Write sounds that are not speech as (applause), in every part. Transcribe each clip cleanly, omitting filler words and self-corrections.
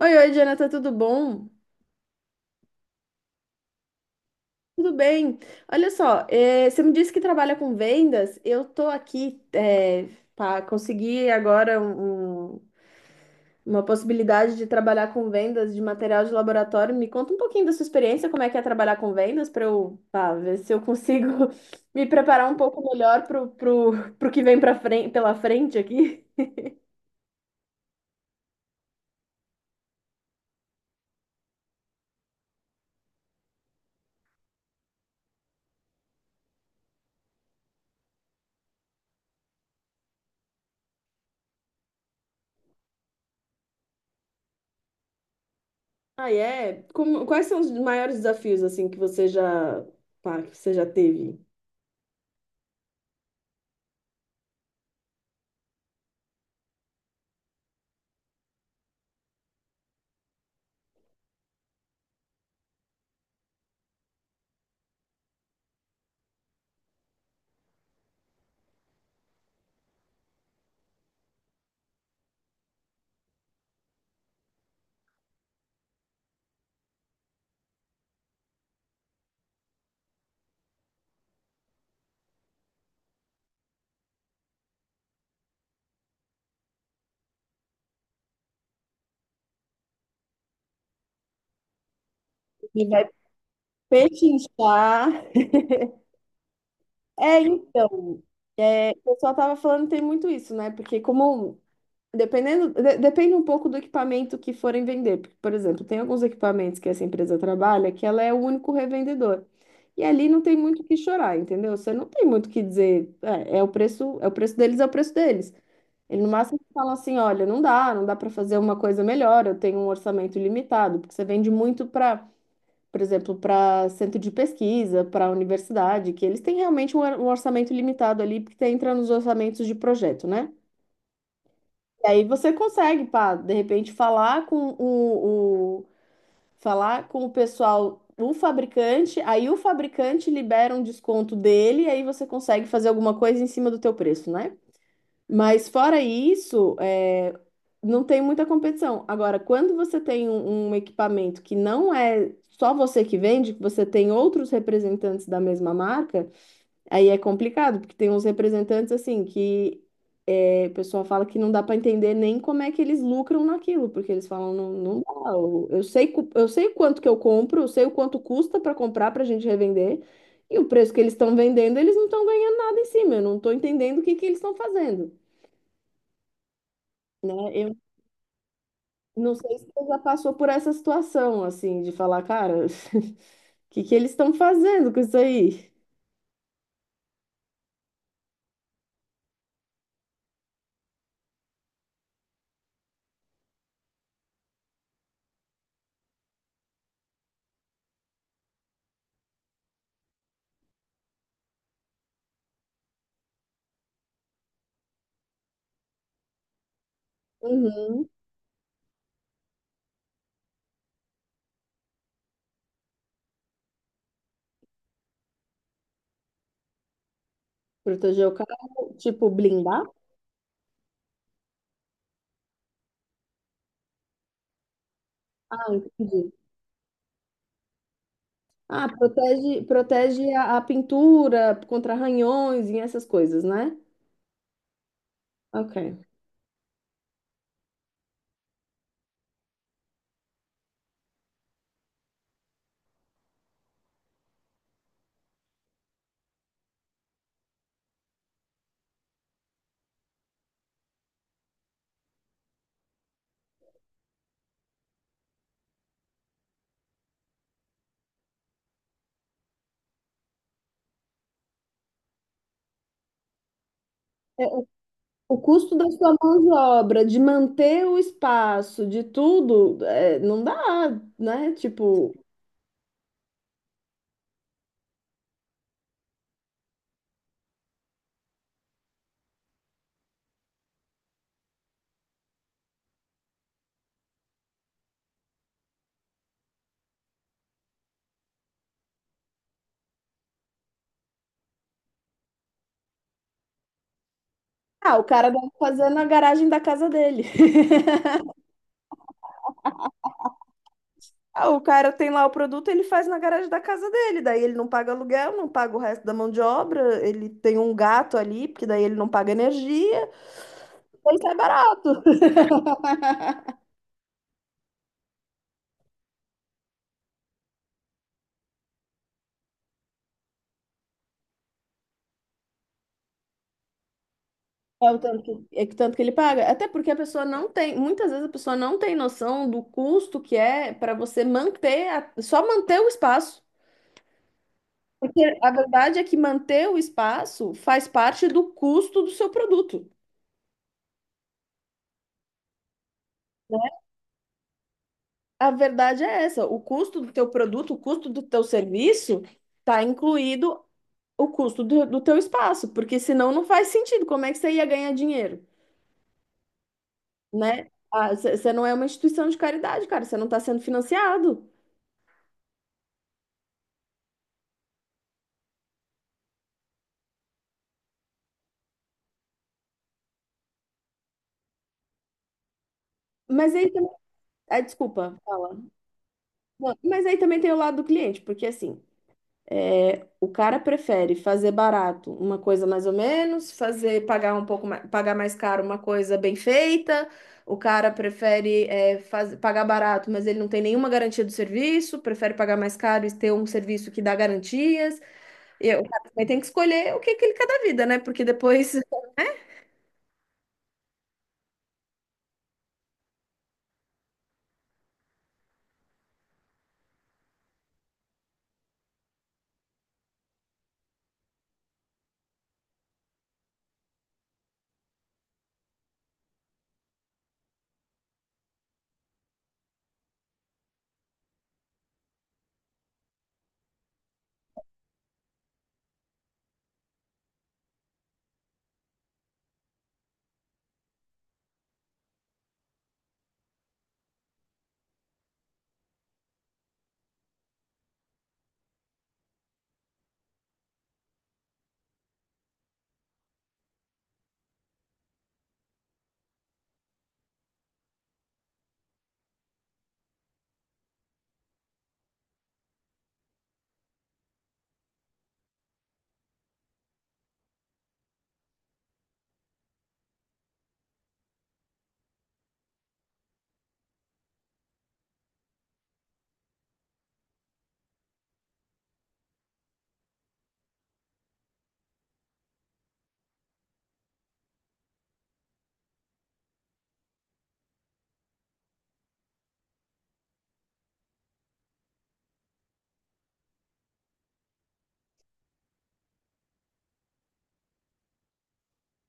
Oi, oi, Jonathan, tudo bom? Tudo bem. Olha só, você me disse que trabalha com vendas. Eu tô aqui para conseguir agora uma possibilidade de trabalhar com vendas de material de laboratório. Me conta um pouquinho da sua experiência, como é que é trabalhar com vendas, para eu, pá, ver se eu consigo (laughs) me preparar um pouco melhor pro que vem pra frente, pela frente aqui. Ah, é? Como- quais são os maiores desafios assim que você já, pá, que você já teve? Pechinchar. É, então, é, o pessoal tava falando que tem muito isso, né? Porque como dependendo, de- depende um pouco do equipamento que forem vender. Porque, por exemplo, tem alguns equipamentos que essa empresa trabalha que ela é o único revendedor. E ali não tem muito o que chorar, entendeu? Você não tem muito o que dizer, é, é o preço deles, é o preço deles. Ele no máximo fala assim, olha, não dá, não dá para fazer uma coisa melhor, eu tenho um orçamento limitado, porque você vende muito para por exemplo, para centro de pesquisa, para universidade, que eles têm realmente um or- um orçamento limitado ali, porque entra nos orçamentos de projeto, né? E aí você consegue, pá, de repente falar com falar com o pessoal do fabricante, aí o fabricante libera um desconto dele, aí você consegue fazer alguma coisa em cima do teu preço, né? Mas fora isso, é, não tem muita competição. Agora, quando você tem um equipamento que não é só você que vende, que você tem outros representantes da mesma marca, aí é complicado, porque tem uns representantes assim que é, o pessoal fala que não dá para entender nem como é que eles lucram naquilo, porque eles falam, não, não dá. Eu sei, cu- eu sei o quanto que eu compro, eu sei o quanto custa para comprar para a gente revender, e o preço que eles estão vendendo, eles não estão ganhando nada em cima. Eu não estou entendendo o que que eles estão fazendo, né? Eu não sei se você já passou por essa situação, assim, de falar, cara, (laughs) o que que eles estão fazendo com isso aí? Uhum. Proteger o carro, tipo, blindar? Ah, entendi. Ah, protege, protege a pintura contra arranhões e essas coisas, né? Ok. É, o custo da sua mão de obra, de manter o espaço, de tudo, é, não dá, né? Tipo, ah, o cara deve fazer na garagem da casa dele. Ah, o cara tem lá o produto, ele faz na garagem da casa dele, daí ele não paga aluguel, não paga o resto da mão de obra, ele tem um gato ali, porque daí ele não paga energia, ele sai barato. É o tanto que, é que tanto que ele paga. Até porque a pessoa não tem, muitas vezes a pessoa não tem noção do custo que é para você manter, a- só manter o espaço. Porque a verdade é que manter o espaço faz parte do custo do seu produto. A verdade é essa, o custo do teu produto, o custo do teu serviço está incluído o custo do teu espaço, porque senão não faz sentido. Como é que você ia ganhar dinheiro, né? Ah, você não é uma instituição de caridade, cara, você não está sendo financiado. Mas aí também. Ah, desculpa, fala. Não, mas aí também tem o lado do cliente, porque assim, é, o cara prefere fazer barato uma coisa mais ou menos, fazer pagar um pouco mais, pagar mais caro uma coisa bem feita. O cara prefere é, faz- pagar barato, mas ele não tem nenhuma garantia do serviço, prefere pagar mais caro e ter um serviço que dá garantias. Eu, o cara também tem que escolher o que que ele quer da vida, né? Porque depois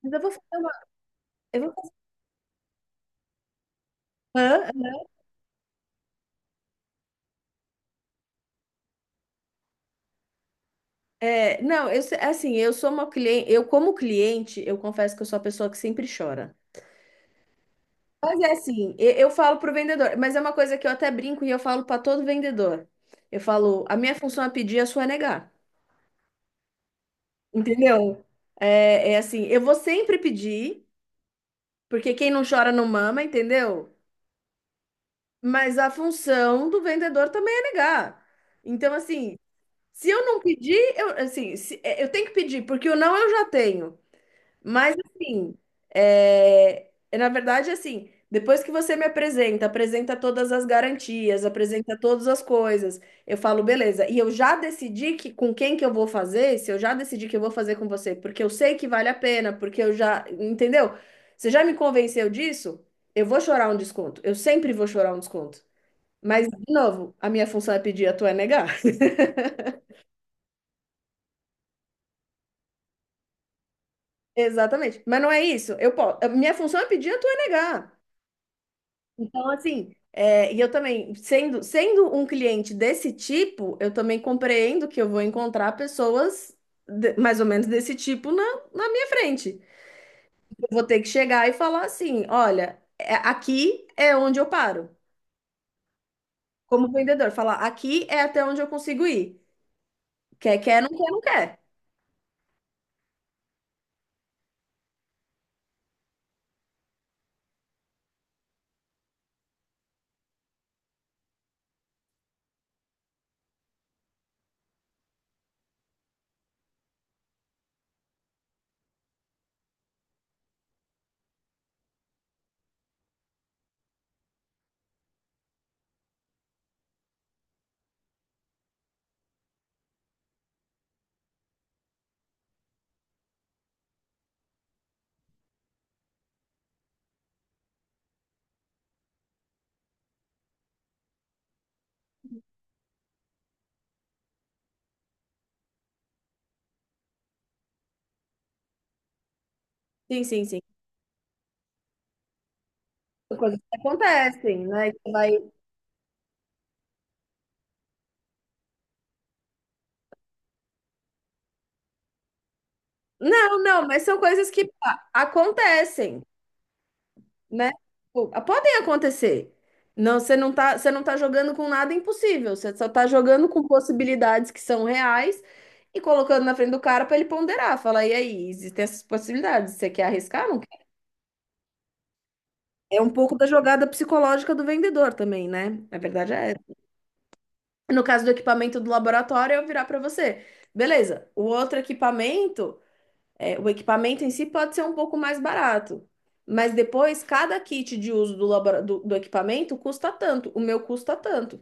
mas eu vou fazer uma, eu vou fazer- Hã? É, não, eu se- assim, eu sou uma cliente, eu como cliente, eu confesso que eu sou a pessoa que sempre chora. Mas é assim, eu falo pro vendedor, mas é uma coisa que eu até brinco e eu falo para todo vendedor. Eu falo, a minha função é pedir, a sua é negar. Entendeu? É, é assim, eu vou sempre pedir, porque quem não chora não mama, entendeu? Mas a função do vendedor também é negar. Então, assim, se eu não pedir, eu, assim, se- é, eu tenho que pedir, porque o não eu já tenho. Mas, assim, é, é, na verdade, assim, depois que você me apresenta, apresenta todas as garantias, apresenta todas as coisas, eu falo, beleza. E eu já decidi que com quem que eu vou fazer, se eu já decidi que eu vou fazer com você, porque eu sei que vale a pena, porque eu já, entendeu? Você já me convenceu disso? Eu vou chorar um desconto. Eu sempre vou chorar um desconto. Mas, de novo, a minha função é pedir, a tua é negar. Exatamente. Mas não é isso. Eu posso, a minha função é pedir, a tua é negar. Então, assim, é, e eu também, sendo um cliente desse tipo, eu também compreendo que eu vou encontrar pessoas de- mais ou menos desse tipo na, na minha frente. Eu vou ter que chegar e falar assim: olha, é- aqui é onde eu paro. Como vendedor, falar aqui é até onde eu consigo ir. Quer, quer, não quer, não quer. Sim, sim, sim. São coisas que acontecem, né? Que vai... Não, não, mas são coisas que pá, acontecem. Né? Pô, ah, podem acontecer. Não, você não tá jogando com nada impossível, você só tá jogando com possibilidades que são reais e colocando na frente do cara para ele ponderar, falar, e aí, existem essas possibilidades, você quer arriscar? Não quer? É um pouco da jogada psicológica do vendedor também, né? Na verdade é essa. No caso do equipamento do laboratório, eu virar para você. Beleza, o outro equipamento é, o equipamento em si pode ser um pouco mais barato, mas depois cada kit de uso do, labora- do equipamento custa tanto, o meu custa tanto.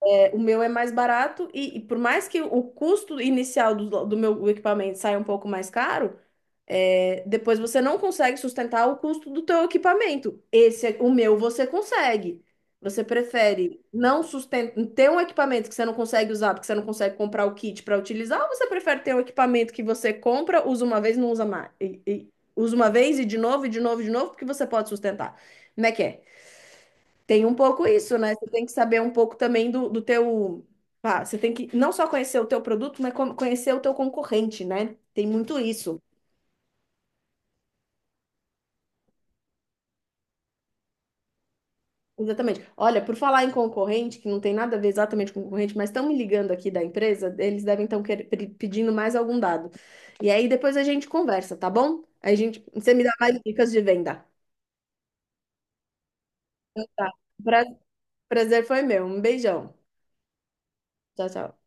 É, o meu é mais barato e por mais que o custo inicial do meu equipamento saia um pouco mais caro, é, depois você não consegue sustentar o custo do teu equipamento. Esse, é- o meu, você consegue. Você prefere não sustentar, ter um equipamento que você não consegue usar, porque você não consegue comprar o kit para utilizar, ou você prefere ter um equipamento que você compra, usa uma vez, não usa mais, usa uma vez e de novo, e de novo, e de novo, porque você pode sustentar. Como é que é? Tem um pouco isso, né? Você tem que saber um pouco também do teu. Ah, você tem que não só conhecer o teu produto, mas co- conhecer o teu concorrente, né? Tem muito isso. Exatamente. Olha, por falar em concorrente, que não tem nada a ver exatamente com concorrente, mas estão me ligando aqui da empresa, eles devem estar pedindo mais algum dado. E aí depois a gente conversa, tá bom? Aí a gente, você me dá mais dicas de venda. Então tá. Pra- prazer foi meu. Um beijão. Tchau, tchau.